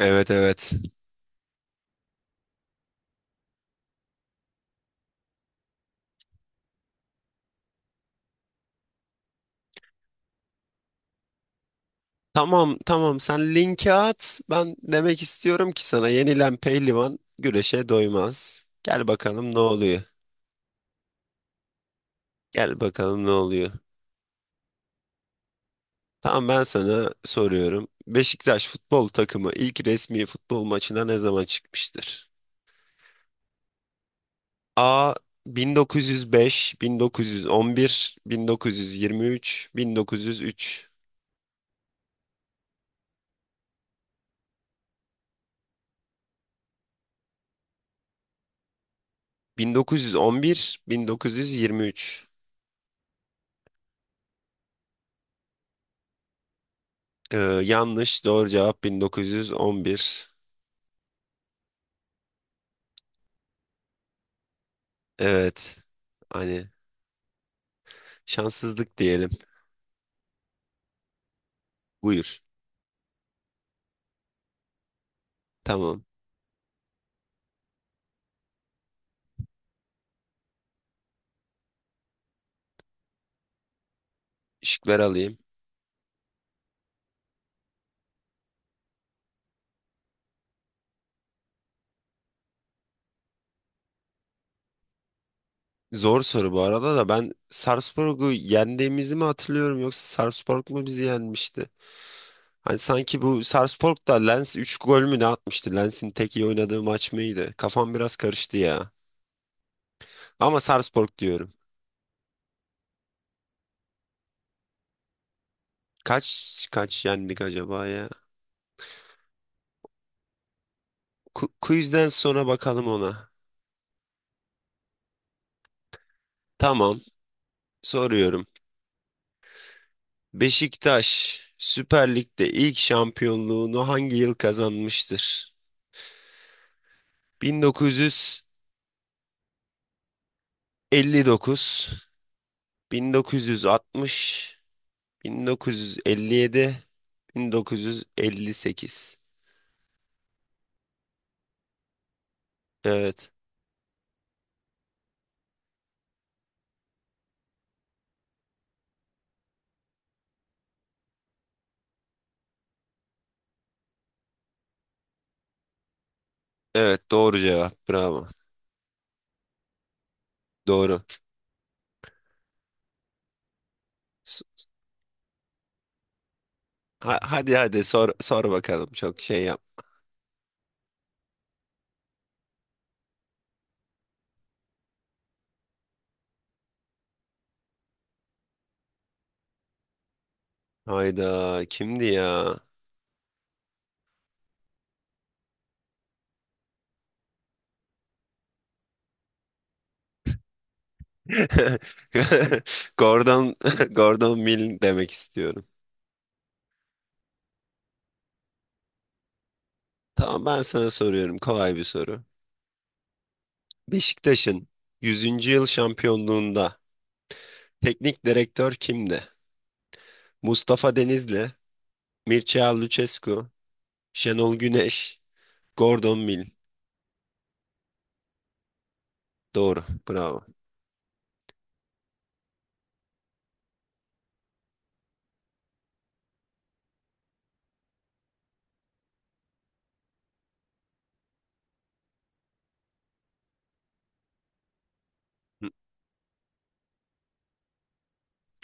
Evet evet. Tamam tamam sen linki at. Ben demek istiyorum ki sana yenilen pehlivan güreşe doymaz. Gel bakalım ne oluyor. Gel bakalım ne oluyor. Tamam ben sana soruyorum. Beşiktaş futbol takımı ilk resmi futbol maçına ne zaman çıkmıştır? A 1905, 1911, 1923, 1903. 1911, 1923. Ee, yanlış doğru cevap 1911. Evet. Hani şanssızlık diyelim. Buyur. Tamam. Şıkları alayım. Zor soru bu arada da, ben Sarpsborg'u yendiğimizi mi hatırlıyorum yoksa Sarpsborg mu bizi yenmişti? Hani sanki bu Sarpsborg da Lens 3 gol mü ne atmıştı? Lens'in tek iyi oynadığı maç mıydı? Kafam biraz karıştı ya. Ama Sarpsborg diyorum. Kaç kaç yendik acaba ya? Quizden sonra bakalım ona. Tamam. Soruyorum. Beşiktaş Süper Lig'de ilk şampiyonluğunu hangi yıl kazanmıştır? 1959, 1960, 1957, 1958. Evet. Evet doğru cevap. Bravo. Doğru. S- hadi hadi sor sor bakalım. Çok şey yap. Hayda, kimdi ya? Gordon Gordon Mill demek istiyorum. Tamam, ben sana soruyorum kolay bir soru. Beşiktaş'ın yüzüncü yıl şampiyonluğunda teknik direktör kimdi? Mustafa Denizli, Mircea Lucescu, Şenol Güneş, Gordon Mill. Doğru. Bravo. Hı.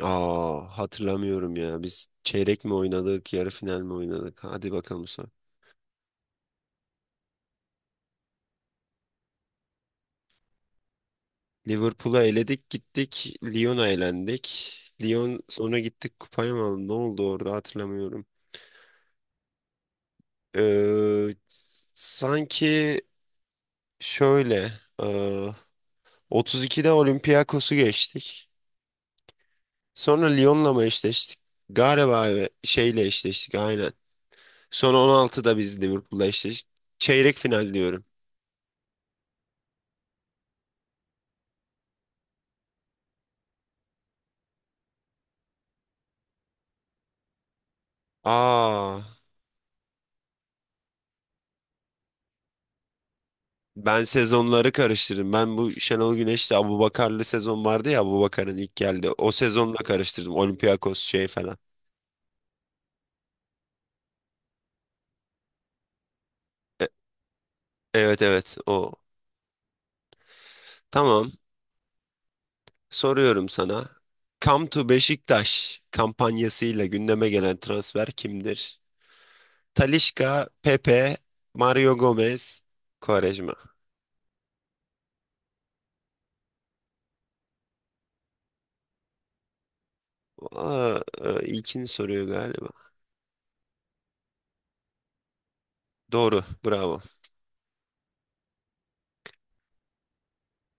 Aa, hatırlamıyorum ya. Biz çeyrek mi oynadık, yarı final mi oynadık? Hadi bakalım sonra. Liverpool'a eledik gittik. Lyon'a elendik. Lyon sonra gittik kupayı mı aldı? Ne oldu orada hatırlamıyorum. Ee, sanki şöyle. 32'de Olympiakos'u geçtik. Sonra Lyon'la mı eşleştik? Galiba evet, şeyle eşleştik aynen. Sonra 16'da biz Liverpool'la eşleştik. Çeyrek final diyorum. Aa, ben sezonları karıştırdım. Ben bu Şenol Güneş'le Abubakar'lı sezon vardı ya, Abubakar'ın ilk geldi. O sezonla karıştırdım. Olympiakos şey falan. E- evet evet o. Tamam, soruyorum sana. Come to Beşiktaş kampanyasıyla gündeme gelen transfer kimdir? Talisca, Pepe, Mario Gomez, Quaresma. Aa, ilkini soruyor galiba. Doğru, bravo.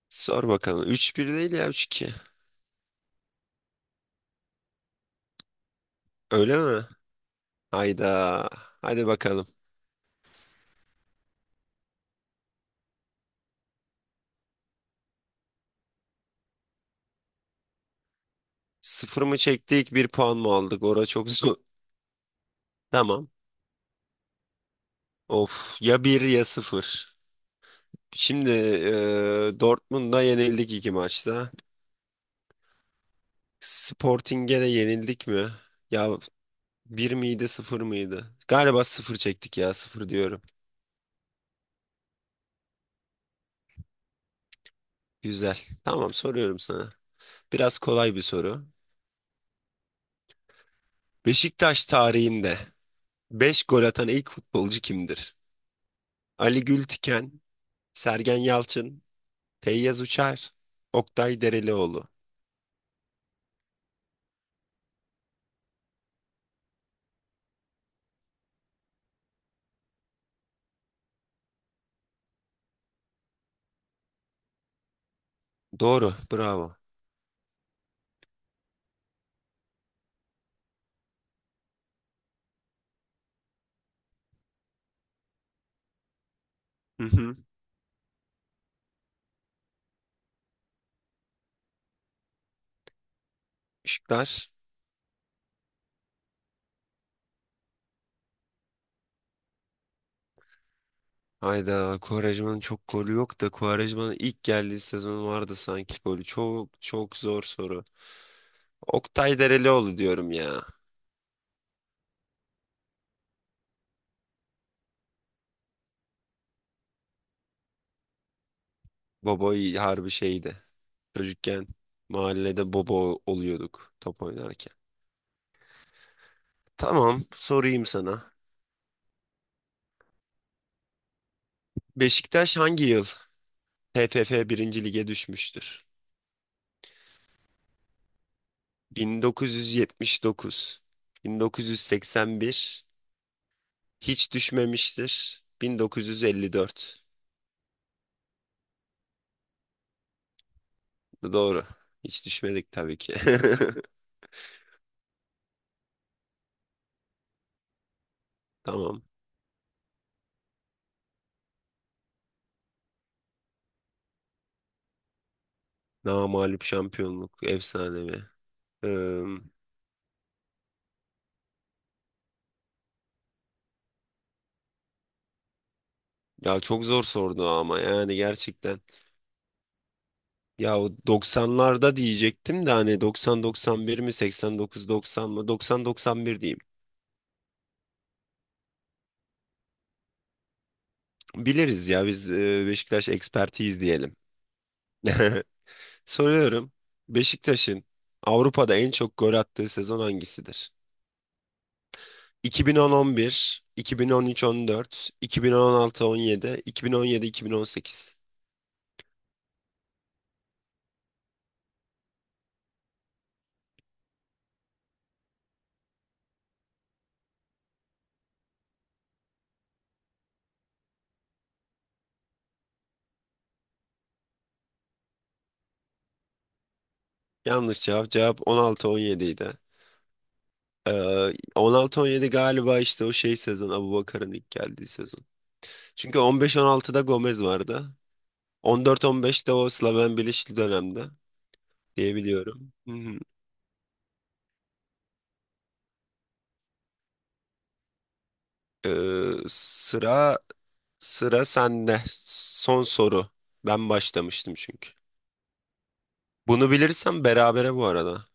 Sor bakalım. Üç bir değil ya, üç 2. Öyle mi? Hayda. Hadi bakalım. Sıfır mı çektik, bir puan mı aldık? Ora çok zor. Tamam. Of, ya bir ya sıfır. Şimdi Dortmund'a yenildik iki maçta. Sporting'e de yenildik mi? Ya bir miydi, sıfır mıydı? Galiba sıfır çektik ya, sıfır diyorum. Güzel. Tamam, soruyorum sana. Biraz kolay bir soru. Beşiktaş tarihinde 5 gol atan ilk futbolcu kimdir? Ali Gültiken, Sergen Yalçın, Feyyaz Uçar, Oktay Derelioğlu. Doğru. Bravo. Hı hı. Işıklar. Hayda, Quaresma'nın çok golü yok da Quaresma'nın ilk geldiği sezon vardı sanki golü. Çok çok zor soru. Oktay Derelioğlu diyorum ya. Boboy harbi şeydi. Çocukken mahallede bobo oluyorduk top oynarken. Tamam, sorayım sana. Beşiktaş hangi yıl TFF birinci Lig'e düşmüştür? 1979, 1981, hiç düşmemiştir, 1954. Doğru. Hiç düşmedik tabii ki. Tamam. Namağlup şampiyonluk, efsanevi. Ee, ya çok zor sordu ama yani gerçekten. Ya o 90'larda diyecektim de, hani 90-91 mi, 89-90 mı? 90-91 diyeyim. Biliriz ya biz, Beşiktaş ekspertiyiz diyelim. Soruyorum. Beşiktaş'ın Avrupa'da en çok gol attığı sezon hangisidir? 2010-11, 2013-14, 2016-17, 2017-2018. Yanlış cevap. Cevap 16-17 idi. 16-17 galiba işte o şey sezon, Abubakar'ın ilk geldiği sezon. Çünkü 15-16'da Gomez vardı. 14-15'te o Slaven Bilic'li dönemde diyebiliyorum. Hı hı. Ee, sıra sıra sende. Son soru. Ben başlamıştım çünkü. Bunu bilirsem berabere bu arada.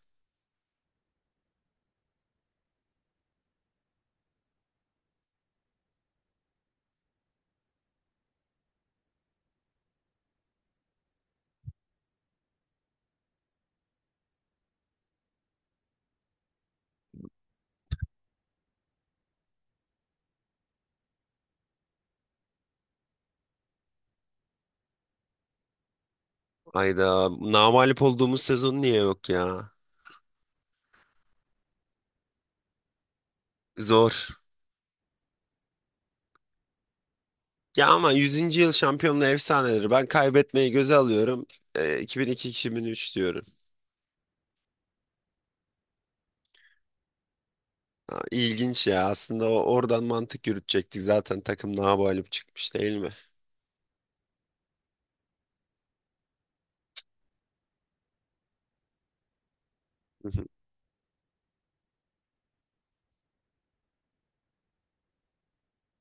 Ayda namalip olduğumuz sezon niye yok ya? Zor. Ya ama yüzüncü yıl şampiyonluğu efsaneleri. Ben kaybetmeyi göze alıyorum. 2002-2003 diyorum. Ha, İlginç ya. Aslında oradan mantık yürütecektik. Zaten takım nabalip çıkmış değil mi? Hı hı.